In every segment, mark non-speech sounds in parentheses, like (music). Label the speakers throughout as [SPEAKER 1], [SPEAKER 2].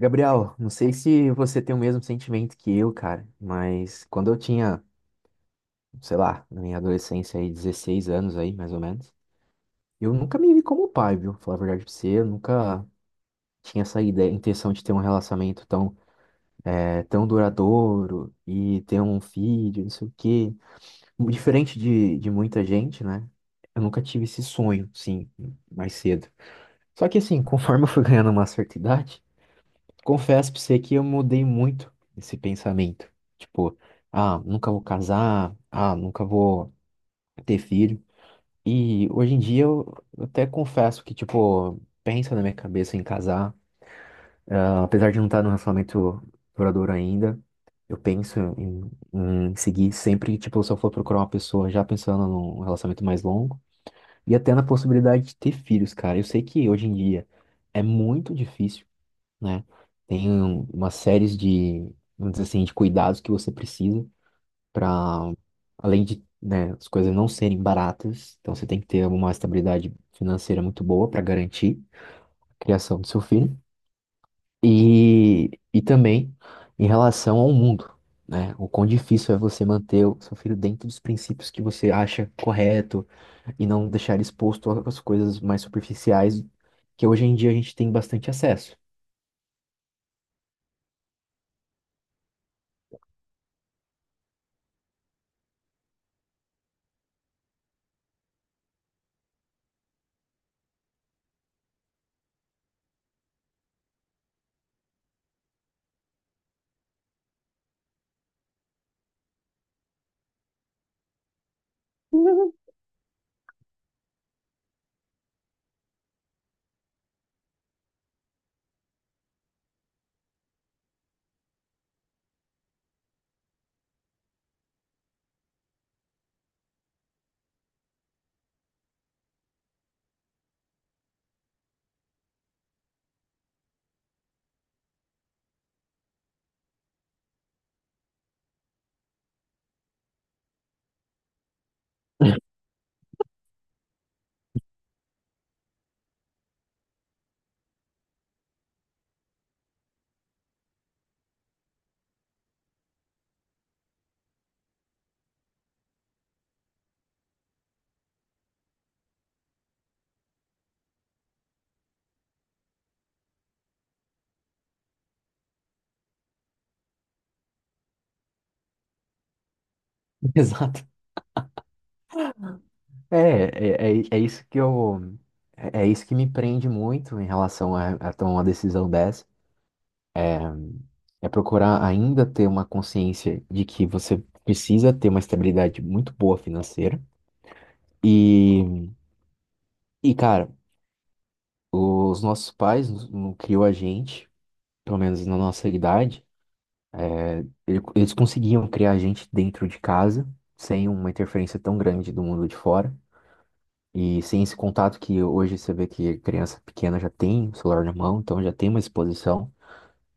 [SPEAKER 1] Gabriel, não sei se você tem o mesmo sentimento que eu, cara, mas quando eu tinha, sei lá, na minha adolescência aí, 16 anos aí, mais ou menos, eu nunca me vi como pai, viu? Falar a verdade pra você, eu nunca tinha essa ideia, intenção de ter um relacionamento tão, tão duradouro e ter um filho, não sei o quê. Diferente de muita gente, né? Eu nunca tive esse sonho, sim, mais cedo. Só que assim, (laughs) conforme eu fui ganhando uma certa idade, confesso pra você que eu mudei muito esse pensamento. Tipo, ah, nunca vou casar, ah, nunca vou ter filho. E hoje em dia eu até confesso que, tipo, penso na minha cabeça em casar. Ah, apesar de não estar num relacionamento duradouro ainda, eu penso em seguir sempre, tipo, se eu for procurar uma pessoa já pensando num relacionamento mais longo. E até na possibilidade de ter filhos, cara. Eu sei que hoje em dia é muito difícil, né? Tem uma série de, vamos dizer assim, de cuidados que você precisa para, além de, né, as coisas não serem baratas, então você tem que ter uma estabilidade financeira muito boa para garantir a criação do seu filho e também em relação ao mundo, né? O quão difícil é você manter o seu filho dentro dos princípios que você acha correto e não deixar ele exposto às coisas mais superficiais que hoje em dia a gente tem bastante acesso. (laughs) Exato. É, é, é, é isso que eu, é isso que me prende muito em relação a tomar uma decisão dessa, é procurar ainda ter uma consciência de que você precisa ter uma estabilidade muito boa financeira e, cara, os nossos pais não criou a gente, pelo menos na nossa idade, eles conseguiam criar a gente dentro de casa, sem uma interferência tão grande do mundo de fora. E sem esse contato que hoje você vê que criança pequena já tem o celular na mão, então já tem uma exposição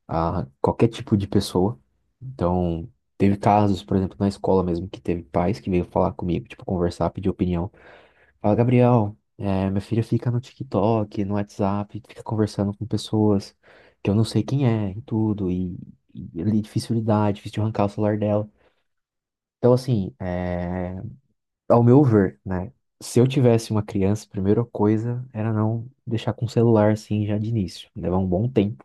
[SPEAKER 1] a qualquer tipo de pessoa. Então, teve casos, por exemplo, na escola mesmo, que teve pais que veio falar comigo, tipo, conversar, pedir opinião. Fala, Gabriel, minha filha fica no TikTok, no WhatsApp, fica conversando com pessoas que eu não sei quem é e tudo, e é difícil lidar, é difícil de arrancar o celular dela. Então, assim, ao meu ver, né? Se eu tivesse uma criança, a primeira coisa era não deixar com o celular assim já de início. Levar um bom tempo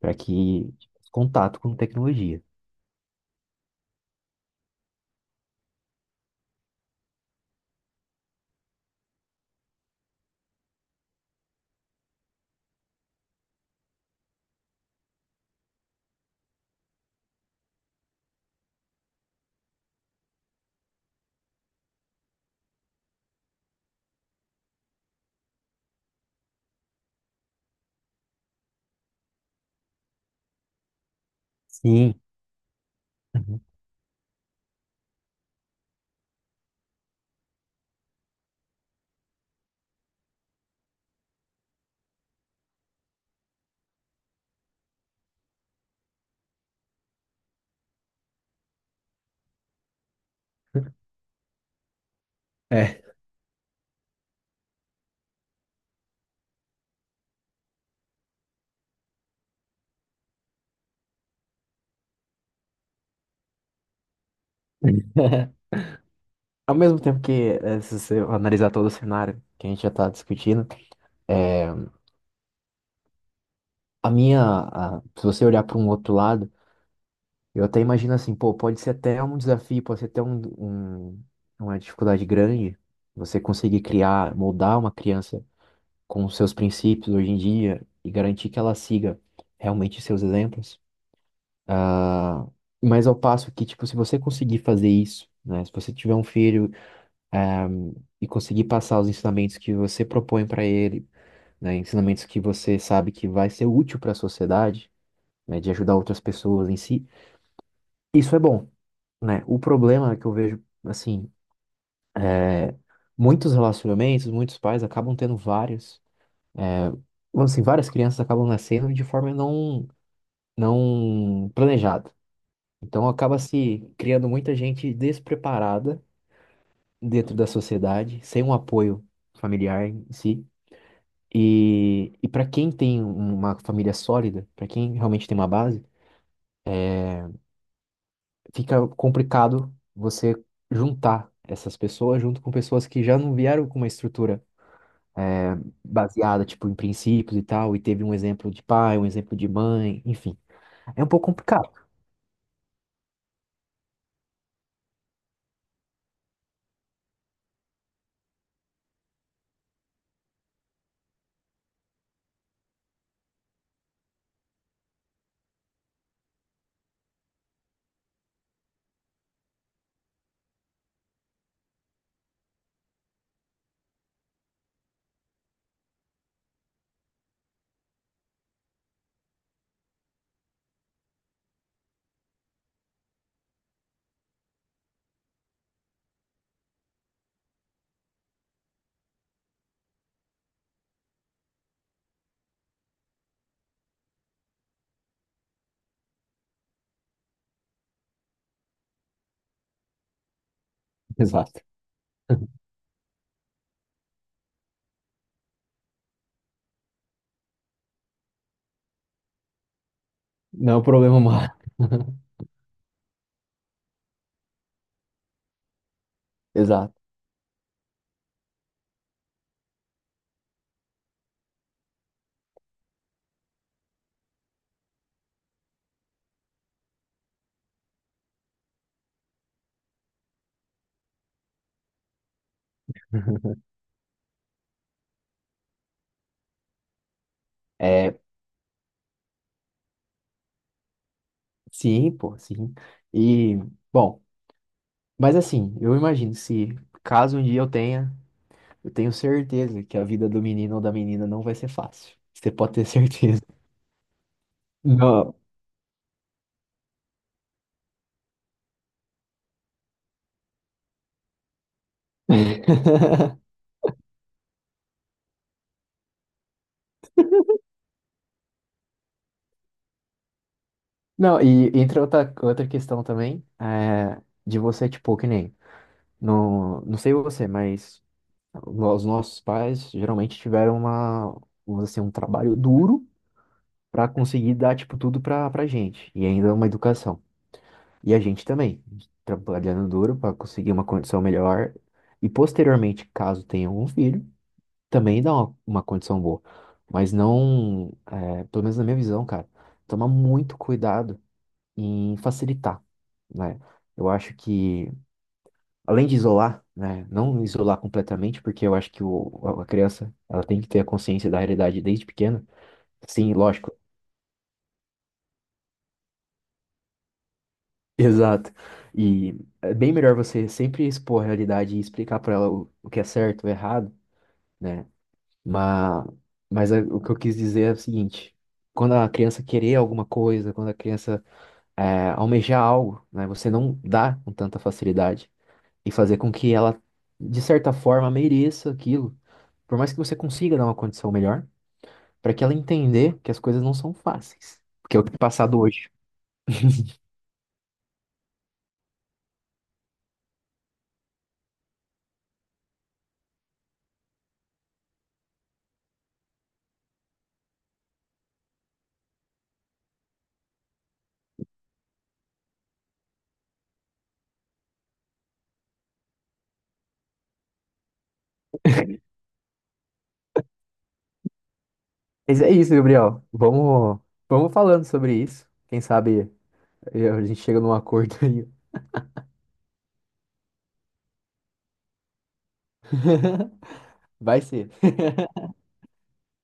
[SPEAKER 1] para que tipo, contato com tecnologia. Sim. Uhum. É. Ao mesmo tempo que, se você analisar todo o cenário que a gente já está discutindo, é, se você olhar para um outro lado, eu até imagino assim, pô, pode ser até um desafio, pode ser até uma dificuldade grande você conseguir criar, moldar uma criança com os seus princípios hoje em dia e garantir que ela siga realmente seus exemplos. Ah, mas ao passo que, tipo, se você conseguir fazer isso, né, se você tiver um filho ahm, e conseguir passar os ensinamentos que você propõe para ele, né, ensinamentos que você sabe que vai ser útil para a sociedade, né, de ajudar outras pessoas em si, isso é bom, né? O problema é que eu vejo, assim, muitos relacionamentos, muitos pais acabam tendo vários, vamos assim, várias crianças acabam nascendo de forma não planejada. Então acaba se criando muita gente despreparada dentro da sociedade, sem um apoio familiar em si. E para quem tem uma família sólida, para quem realmente tem uma base, fica complicado você juntar essas pessoas junto com pessoas que já não vieram com uma estrutura é, baseada, tipo, em princípios e tal, e teve um exemplo de pai, um exemplo de mãe, enfim. É um pouco complicado. (laughs) Exato. Não é um problema humano. (laughs) Exato. É. Sim, pô, sim. E, bom, mas assim, eu imagino se caso um dia eu tenha, eu tenho certeza que a vida do menino ou da menina não vai ser fácil. Você pode ter certeza. Não. (laughs) Não, e entra outra questão também, de você, tipo, que nem, não sei você, mas os nossos pais geralmente tiveram uma, vamos dizer assim, um trabalho duro para conseguir dar, tipo, tudo pra gente, e ainda uma educação. E a gente também, trabalhando duro para conseguir uma condição melhor. E posteriormente, caso tenha um filho, também dá uma condição boa. Mas não, pelo menos na minha visão, cara, tomar muito cuidado em facilitar, né? Eu acho que, além de isolar, né, não isolar completamente, porque eu acho que o, a criança, ela tem que ter a consciência da realidade desde pequena. Sim, lógico. Exato. E é bem melhor você sempre expor a realidade e explicar para ela o que é certo, o errado, né? Mas, mas o que eu quis dizer é o seguinte: quando a criança querer alguma coisa, quando a criança almejar algo, né? Você não dá com tanta facilidade e fazer com que ela, de certa forma, mereça aquilo, por mais que você consiga dar uma condição melhor, para que ela entender que as coisas não são fáceis, porque é o que tem passado hoje. Mas é isso, Gabriel. Vamos falando sobre isso. Quem sabe a gente chega num acordo (laughs) aí. Vai ser.